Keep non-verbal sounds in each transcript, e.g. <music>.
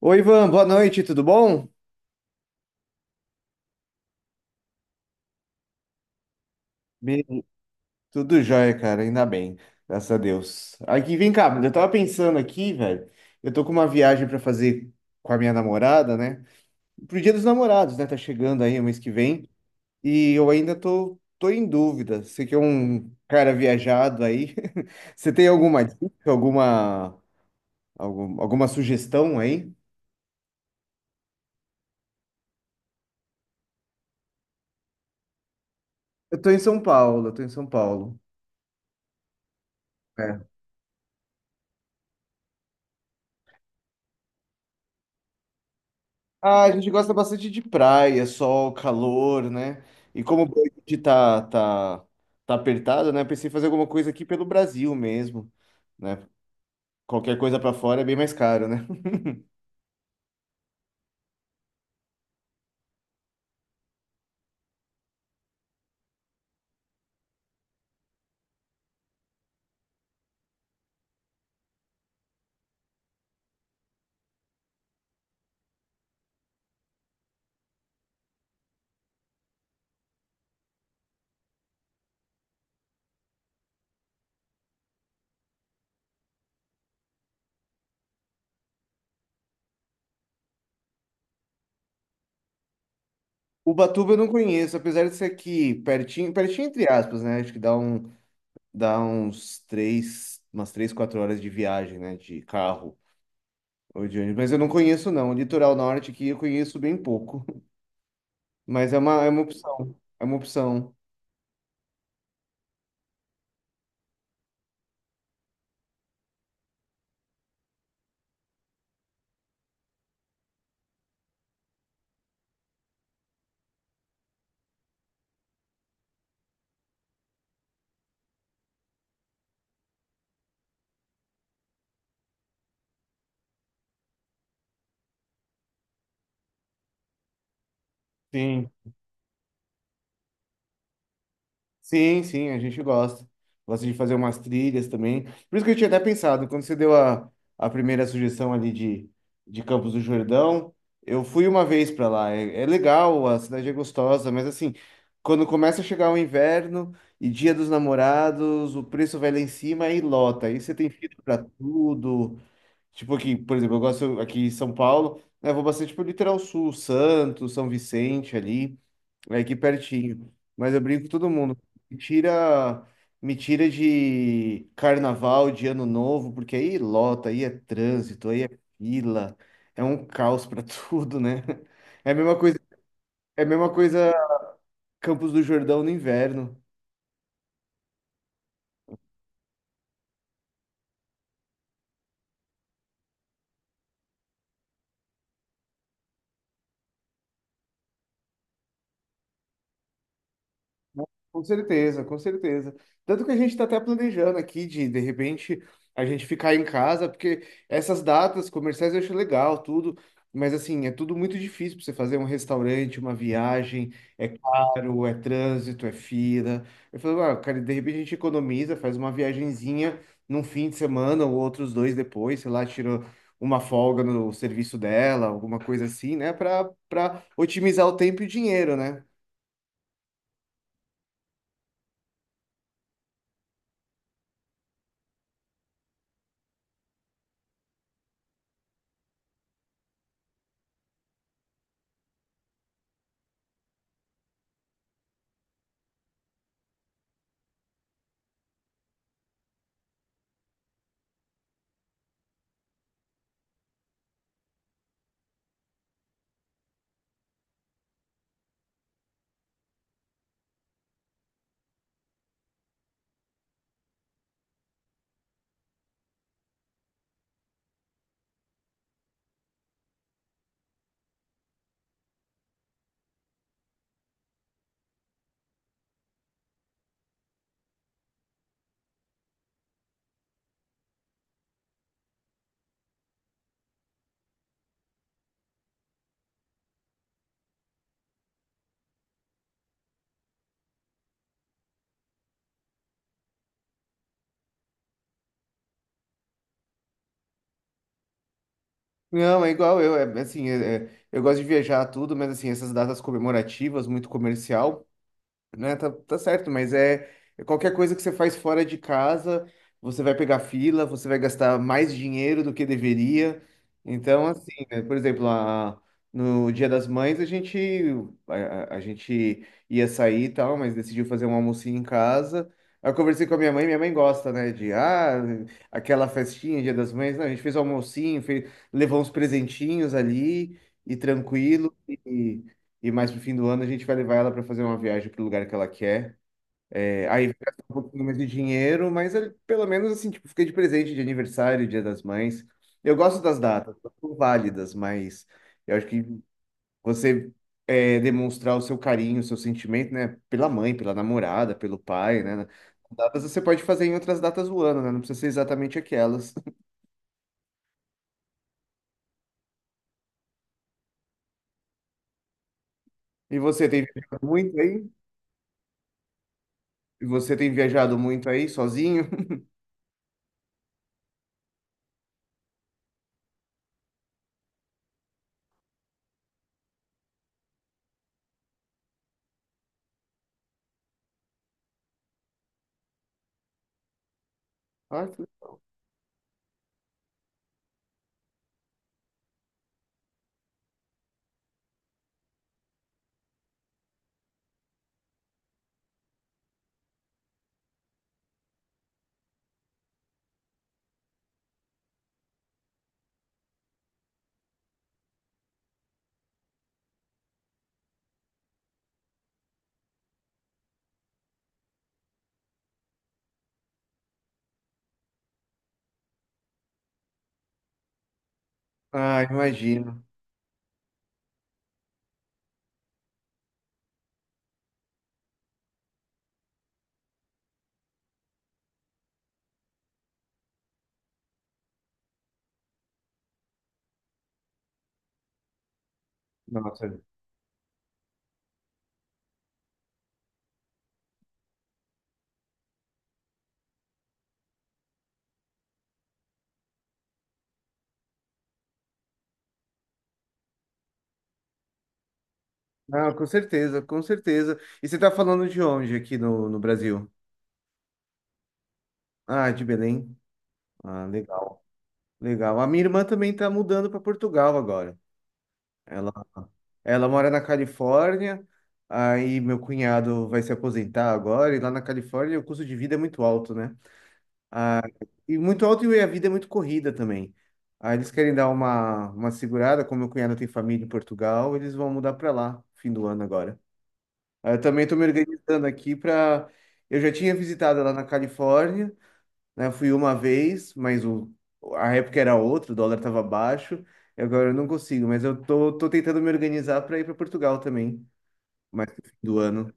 Oi, Ivan, boa noite, tudo bom? Bem, tudo jóia, cara, ainda bem, graças a Deus. Aqui, vem cá, eu tava pensando aqui, velho, eu tô com uma viagem pra fazer com a minha namorada, né? Pro Dia dos Namorados, né? Tá chegando aí o mês que vem e eu ainda tô em dúvida. Você que é um cara viajado aí, <laughs> você tem alguma dica, alguma, alguma sugestão aí? Eu tô em São Paulo, eu tô em São Paulo. Ah, a gente gosta bastante de praia, sol, calor, né? E como o budget tá apertado, né? Pensei em fazer alguma coisa aqui pelo Brasil mesmo, né? Qualquer coisa pra fora é bem mais caro, né? Ubatuba eu não conheço, apesar de ser aqui pertinho, pertinho entre aspas, né? Acho que dá um, dá uns três, umas 3, 4 horas de viagem, né? De carro ou de ônibus. Mas eu não conheço, não. O litoral norte aqui eu conheço bem pouco. <laughs> Mas é uma opção. É uma opção. Sim. Sim, sim, a gente gosta. Gosta de fazer umas trilhas também. Por isso que eu tinha até pensado, quando você deu a primeira sugestão ali de Campos do Jordão, eu fui uma vez para lá. É, é legal, a cidade é gostosa, mas assim, quando começa a chegar o inverno e Dia dos Namorados, o preço vai lá em cima e lota. Aí você tem fila para tudo. Tipo aqui, por exemplo, eu gosto aqui em São Paulo, né, eu vou bastante pro litoral sul, Santos, São Vicente ali. É aqui pertinho. Mas eu brinco com todo mundo. Me tira, me tira de carnaval, de ano novo, porque aí lota, aí é trânsito, aí é fila, é um caos para <laughs> tudo, né? É a mesma coisa, é a mesma coisa Campos do Jordão no inverno. Com certeza, com certeza. Tanto que a gente está até planejando aqui de repente, a gente ficar em casa, porque essas datas comerciais eu acho legal, tudo, mas assim, é tudo muito difícil para você fazer um restaurante, uma viagem, é caro, é trânsito, é fila. Eu falo, ah, cara, de repente a gente economiza, faz uma viagenzinha num fim de semana ou outros dois depois, sei lá, tira uma folga no serviço dela, alguma coisa assim, né, para otimizar o tempo e o dinheiro, né? Não, é igual eu, é assim, eu gosto de viajar tudo, mas assim, essas datas comemorativas, muito comercial né? Tá, tá certo, mas é qualquer coisa que você faz fora de casa, você vai pegar fila, você vai gastar mais dinheiro do que deveria. Então, assim, né, por exemplo, a, no Dia das Mães a, a gente ia sair e tal, mas decidiu fazer um almocinho em casa. Aí eu conversei com a minha mãe gosta, né, de ah, aquela festinha, Dia das Mães. Não, a gente fez o almocinho, fez, levou uns presentinhos ali e tranquilo. E mais pro fim do ano a gente vai levar ela para fazer uma viagem pro lugar que ela quer. É, aí vai gastar um pouquinho mais de dinheiro, mas ele- pelo menos assim, tipo, fica de presente de aniversário, Dia das Mães. Eu gosto das datas, elas são válidas, mas eu acho que você é, demonstrar o seu carinho, o seu sentimento, né, pela mãe, pela namorada, pelo pai, né? Datas você pode fazer em outras datas do ano, né? Não precisa ser exatamente aquelas. <laughs> E você tem viajado muito aí? E você tem viajado muito aí sozinho? <laughs> Ah, legal. Ah, imagino. Nossa. Ah, com certeza, com certeza. E você tá falando de onde aqui no, no Brasil? Ah, de Belém. Ah, legal, legal. A minha irmã também tá mudando para Portugal agora. Ela, ela mora na Califórnia, aí meu cunhado vai se aposentar agora, e lá na Califórnia o custo de vida é muito alto, né? Ah, e muito alto e a vida é muito corrida também. Aí eles querem dar uma segurada, como meu cunhado tem família em Portugal, eles vão mudar para lá, fim do ano agora. Aí eu também estou me organizando aqui para. Eu já tinha visitado lá na Califórnia, né? Fui uma vez, mas o... a época era outra, o dólar estava baixo. E agora eu não consigo, mas eu tô tentando me organizar para ir para Portugal também, mais no fim do ano.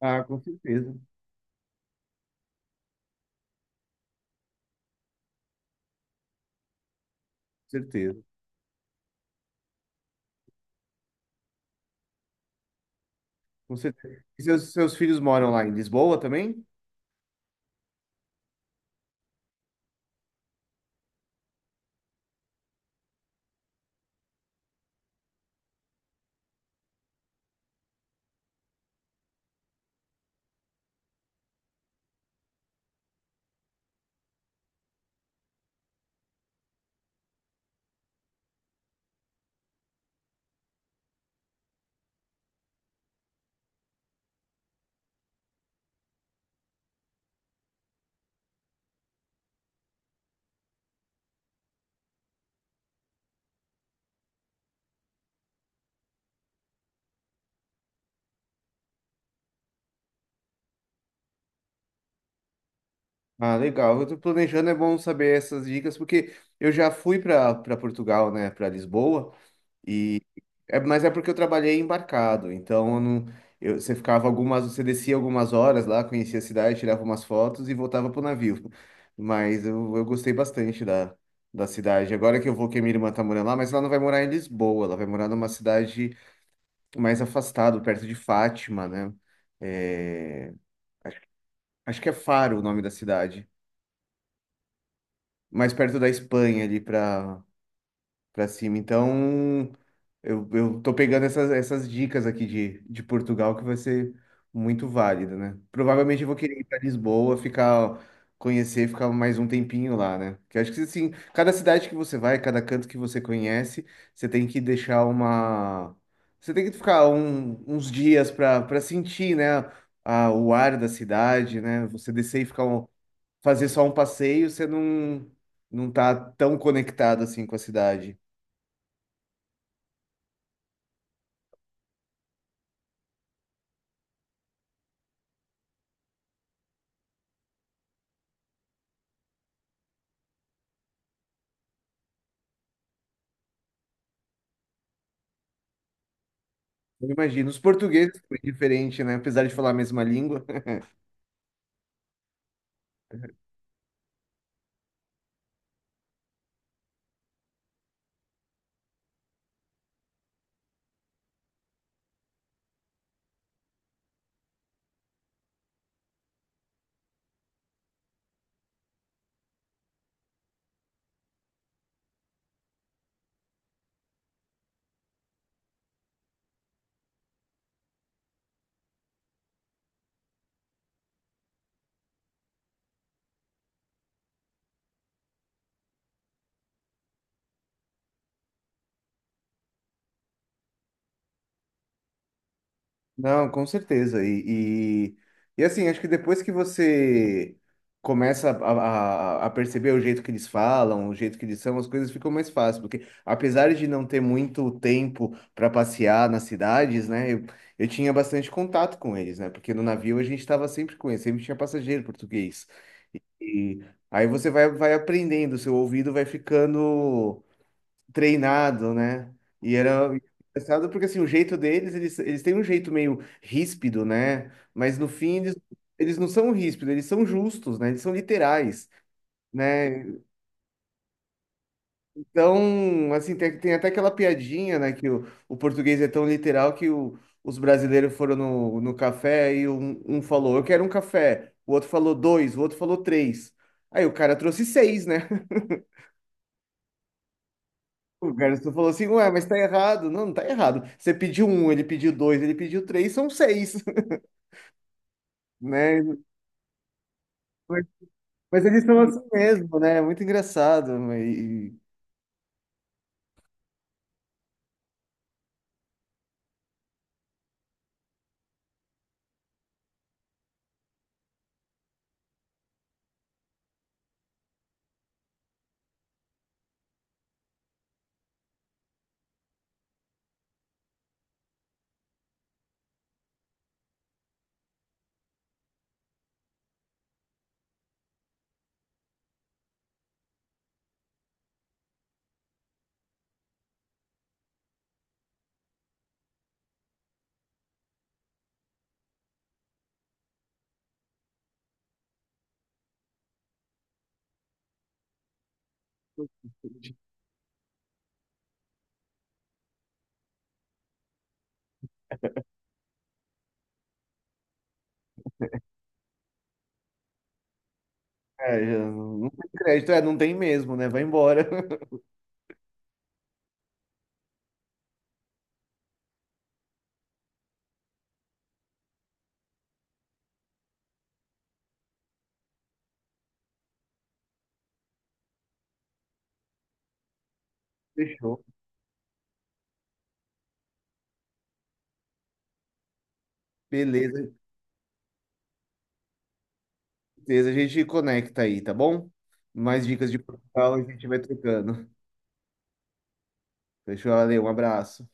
Ah, com certeza, com certeza, com certeza. E seus filhos moram lá em Lisboa também? Ah, legal. Eu tô planejando, é bom saber essas dicas, porque eu já fui para Portugal, né, para Lisboa. E é, mas é porque eu trabalhei embarcado, então eu não, você ficava algumas, você descia algumas horas lá, conhecia a cidade, tirava umas fotos e voltava pro navio. Mas eu gostei bastante da cidade. Agora que eu vou, que a minha irmã tá morando lá, mas ela não vai morar em Lisboa, ela vai morar numa cidade mais afastada, perto de Fátima, né? É, acho que é Faro o nome da cidade, mais perto da Espanha ali para para cima. Então, eu tô pegando essas, essas dicas aqui de Portugal que vai ser muito válida, né? Provavelmente eu vou querer ir para Lisboa, ficar, conhecer, ficar mais um tempinho lá, né? Que eu acho que assim, cada cidade que você vai, cada canto que você conhece, você tem que deixar uma. Você tem que ficar uns dias para sentir, né? A, o ar da cidade, né? Você descer e ficar um, fazer só um passeio, você não, não tá tão conectado assim com a cidade. Eu imagino. Os portugueses foi diferente, né? Apesar de falar a mesma língua. <laughs> Não, com certeza. E assim, acho que depois que você começa a perceber o jeito que eles falam, o jeito que eles são, as coisas ficam mais fáceis. Porque apesar de não ter muito tempo para passear nas cidades, né? Eu tinha bastante contato com eles, né? Porque no navio a gente estava sempre com eles, sempre tinha passageiro português. E aí você vai, vai aprendendo, seu ouvido vai ficando treinado, né? E era engraçado porque assim, o jeito deles, eles têm um jeito meio ríspido, né? Mas no fim eles, eles não são ríspidos, eles são justos, né? Eles são literais, né? Então, assim, tem, tem até aquela piadinha, né, que o português é tão literal que os brasileiros foram no, no café e um falou, eu quero um café, o outro falou dois, o outro falou três. Aí o cara trouxe seis, né? O garçom falou assim, ué, mas tá errado. Não, não tá errado. Você pediu um, ele pediu dois, ele pediu três, são seis, <laughs> né? Mas, mas eles são assim mesmo, né? É muito engraçado. É, já não tem crédito, é, não tem mesmo, né? Vai embora. <laughs> Fechou. Beleza, beleza. A gente conecta aí, tá bom? Mais dicas de Portugal a gente vai trocando. Fechou, valeu, um abraço.